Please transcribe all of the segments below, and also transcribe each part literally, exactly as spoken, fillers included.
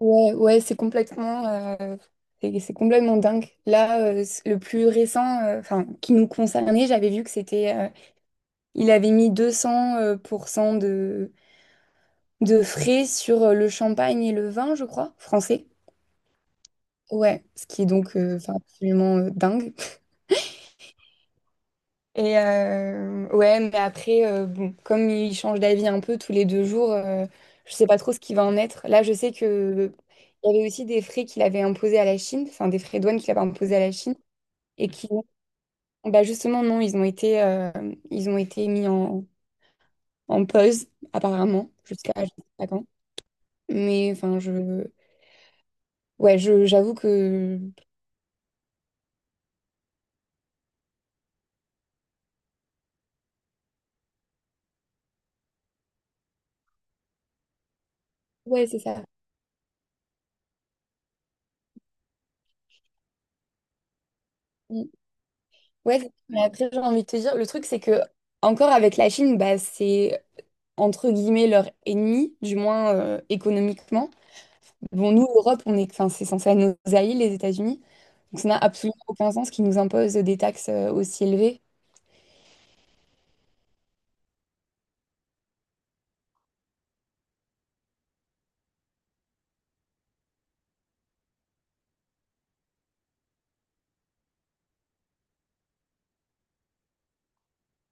Ouais, ouais, c'est complètement, euh, c'est c'est complètement dingue. Là, euh, c- le plus récent, euh, enfin, qui nous concernait, j'avais vu que c'était, euh, il avait mis deux cents euh, pour cent de, de frais sur euh, le champagne et le vin, je crois, français. Ouais, ce qui est donc euh, enfin, absolument euh, dingue. Et euh, ouais, mais après, euh, bon, comme ils changent d'avis un peu tous les deux jours, euh, je sais pas trop ce qui va en être. Là, je sais que il y avait aussi des frais qu'il avait imposés à la Chine, enfin des frais de douane qu'il avait imposés à la Chine. et qui, bah justement, non, ils ont été, euh, ils ont été mis en, en pause, apparemment, jusqu'à je sais pas quand. Mais enfin, je, ouais, je, j'avoue que, ouais, c'est ça. Mm. Ouais, c'est- mais après, j'ai envie de te dire, le truc, c'est que, encore avec la Chine, bah, c'est entre guillemets leur ennemi, du moins euh, économiquement. Bon, nous, l'Europe, on est, enfin, c'est censé être nos alliés, les États-Unis. Donc, ça n'a absolument aucun sens qu'ils nous imposent des taxes euh, aussi élevées.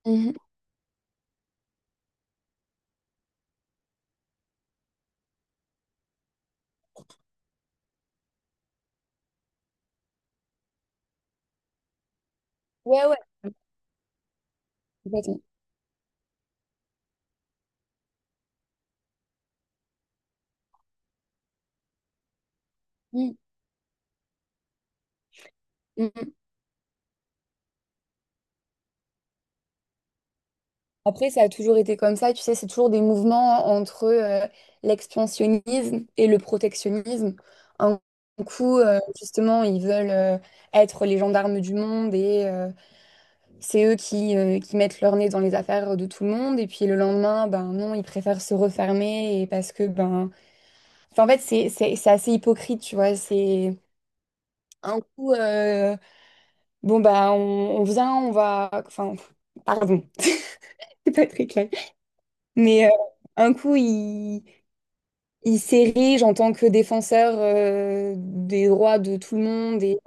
Mhm. Ouais, ouais, complètement. Mm. Après, ça a toujours été comme ça, tu sais, c'est toujours des mouvements entre euh, l'expansionnisme et le protectionnisme. Un coup, euh, justement, ils veulent euh, être les gendarmes du monde et euh, c'est eux qui, euh, qui mettent leur nez dans les affaires de tout le monde. Et puis le lendemain, ben non, ils préfèrent se refermer et parce que, ben... Enfin, en fait, c'est, c'est, c'est assez hypocrite, tu vois. C'est un coup, euh, bon, bah, on, on vient, on va... Enfin, pardon, c'est pas très clair. Mais euh, un coup, ils... il s'érige en tant que défenseur euh, des droits de tout le monde. Et,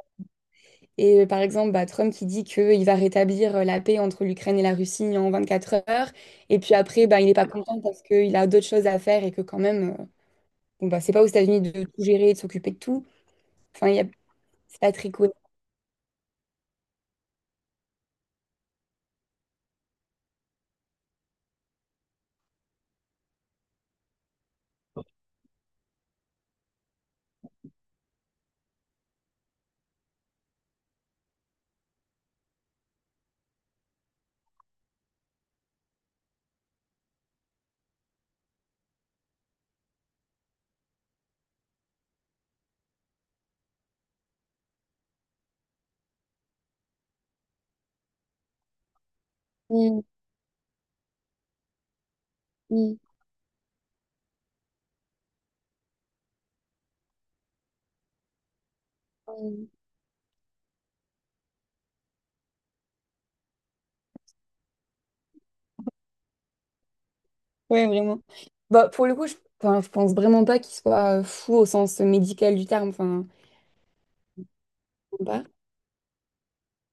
et, euh, par exemple, bah, Trump qui dit qu'il va rétablir euh, la paix entre l'Ukraine et la Russie en vingt-quatre heures. Et puis après, bah, il n'est pas content parce qu'il a d'autres choses à faire et que quand même, euh, bon, bah, c'est pas aux États-Unis de tout gérer, de s'occuper de tout. Enfin, il y a... c'est pas très cool. Mm, mm, mm. Ouais, vraiment. Bah, pour le coup, je, enfin, je pense vraiment pas qu'il soit euh, fou au sens médical du terme. Enfin,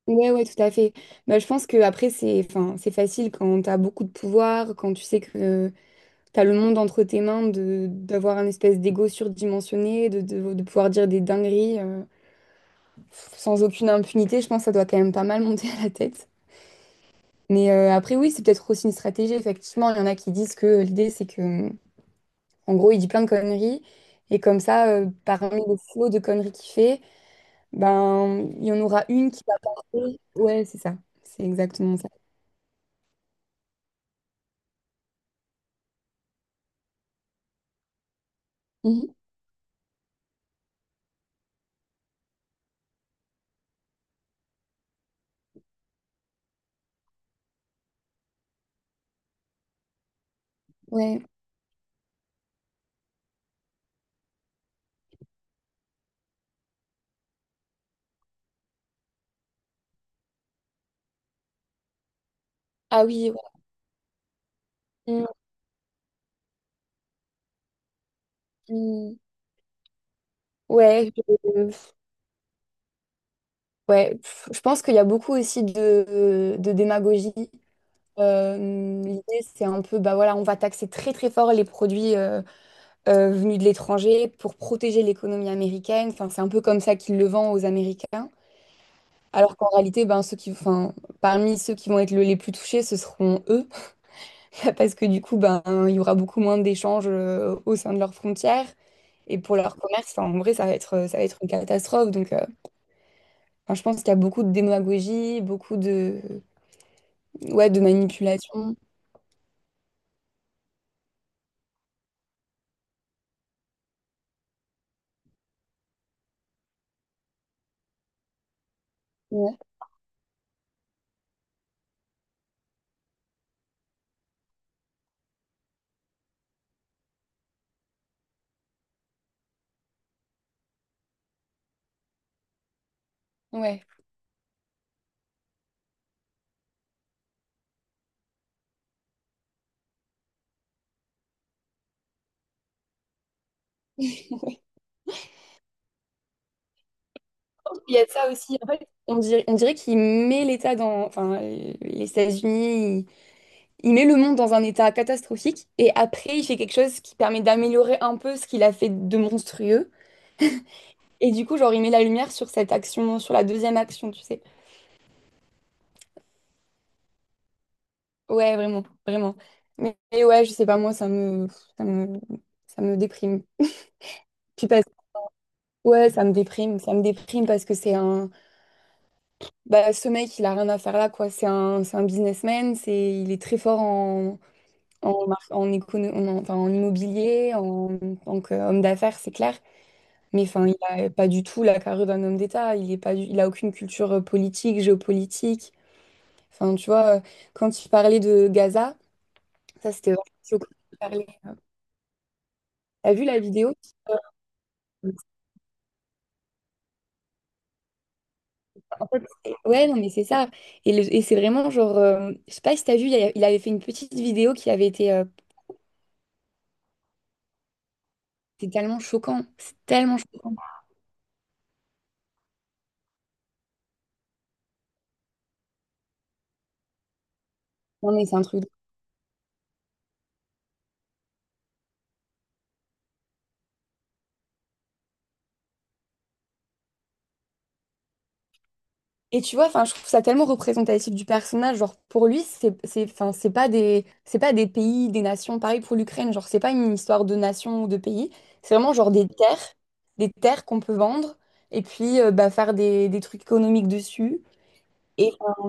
Ouais, ouais, tout à fait. Bah, je pense que après c'est enfin, c'est facile quand tu as beaucoup de pouvoir, quand tu sais que tu as le monde entre tes mains, de d'avoir un espèce d'ego surdimensionné, de, de, de pouvoir dire des dingueries euh, sans aucune impunité. Je pense que ça doit quand même pas mal monter à la tête. Mais euh, après, oui, c'est peut-être aussi une stratégie. Effectivement, il y en a qui disent que l'idée, c'est que, en gros, il dit plein de conneries. Et comme ça, euh, parmi le flot de conneries qu'il fait, ben, il y en aura une qui va passer. Ouais, c'est ça. C'est exactement ça. Mhm. Ouais. Ah oui, ouais. Mm, mm. Ouais, je, ouais, pff, je pense qu'il y a beaucoup aussi de, de démagogie. Euh, l'idée, c'est un peu, bah voilà, on va taxer très très fort les produits euh, euh, venus de l'étranger pour protéger l'économie américaine. Enfin, c'est un peu comme ça qu'ils le vendent aux Américains. Alors qu'en réalité, ben, ceux qui, enfin, parmi ceux qui vont être le- les plus touchés, ce seront eux. Parce que du coup, ben, il y aura beaucoup moins d'échanges euh, au sein de leurs frontières. Et pour leur commerce, enfin, en vrai, ça va être, ça va être une catastrophe. Donc, euh, Enfin, je pense qu'il y a beaucoup de démagogie, beaucoup de, ouais, de manipulation. Ouais, ouais. Il y a de ça aussi. En fait, on dirait, on dirait qu'il met l'État dans, enfin, les États-Unis, il, il met le monde dans un état catastrophique et après, il fait quelque chose qui permet d'améliorer un peu ce qu'il a fait de monstrueux. Et du coup, genre, il met la lumière sur cette action, sur la deuxième action, tu sais. Ouais, vraiment, vraiment. Mais, mais ouais, je sais pas, moi, ça me, ça me, ça me déprime. Puis parce- ouais, ça me déprime, ça me déprime parce que c'est un. Bah, ce mec, il a rien à faire là, quoi. C'est un, c'est un businessman, c'est, il est très fort en, en, mar- en, écono- en- enfin, en immobilier, en en tant qu'homme d'affaires, c'est clair. Mais enfin, il a pas du tout la carrure d'un homme d'État. Il est pas du- il a aucune culture euh, politique, géopolitique. Enfin, tu vois, euh, quand tu parlais de Gaza, ça, c'était vraiment choquant de parler. T'as vu la vidéo? Euh, En fait, c'est- ouais, non, mais c'est ça. Et, le- et c'est vraiment genre, euh, je sais pas si t'as vu, il y a- il avait fait une petite vidéo qui avait été euh, C'est tellement choquant. C'est tellement choquant. Non, mais c'est un truc. de- Et tu vois, enfin, je trouve ça tellement représentatif du personnage. Genre, pour lui, c'est, c'est, enfin, c'est pas des, c'est pas des pays, des nations. Pareil pour l'Ukraine. Genre, c'est pas une histoire de nation ou de pays. C'est vraiment genre des terres, des terres qu'on peut vendre et puis euh, bah, faire des, des trucs économiques dessus. Et enfin,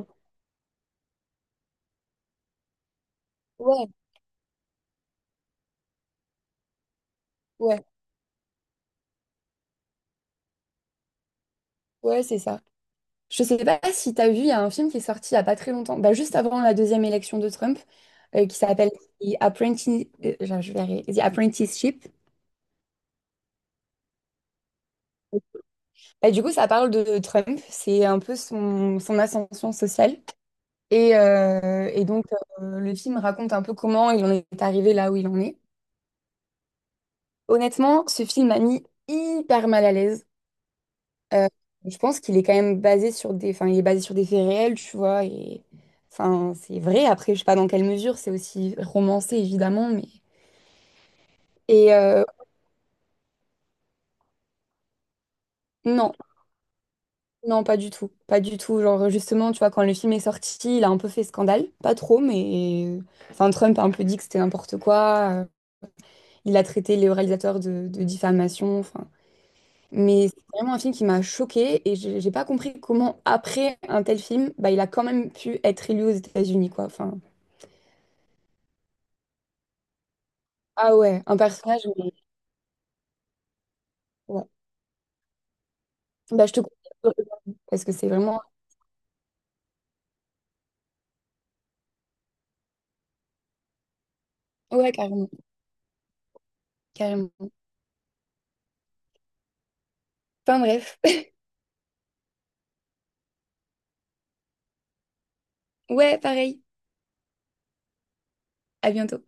ouais, ouais, ouais, c'est ça. Je sais pas si t'as vu, il y a un film qui est sorti il y a pas très longtemps, bah, juste avant la deuxième élection de Trump, euh, qui s'appelle The Apprenti- euh, je vais y arriver. The Apprenticeship. Bah, du coup, ça parle de Trump, c'est un peu son, son ascension sociale. Et, euh, et donc, euh, le film raconte un peu comment il en est arrivé là où il en est. Honnêtement, ce film m'a mis hyper mal à l'aise. Euh, je pense qu'il est quand même basé sur des, enfin, il est basé sur des faits réels, tu vois. Et, enfin, c'est vrai. Après, je sais pas dans quelle mesure, c'est aussi romancé, évidemment. Mais... Et euh, non, Non, pas du tout. Pas du tout. Genre, justement, tu vois, quand le film est sorti, il a un peu fait scandale. Pas trop, mais. Enfin, Trump a un peu dit que c'était n'importe quoi. Euh, Il a traité les réalisateurs de, de diffamation. Enfin. Mais c'est vraiment un film qui m'a choquée et j'ai j'ai pas compris comment, après un tel film, bah, il a quand même pu être élu aux États-Unis, quoi. Enfin. Ah ouais, un personnage, mais. Ouais. Bah, je te conseille. Parce que c'est vraiment. Ouais, carrément. Carrément. Enfin, bref. Ouais, pareil. À bientôt.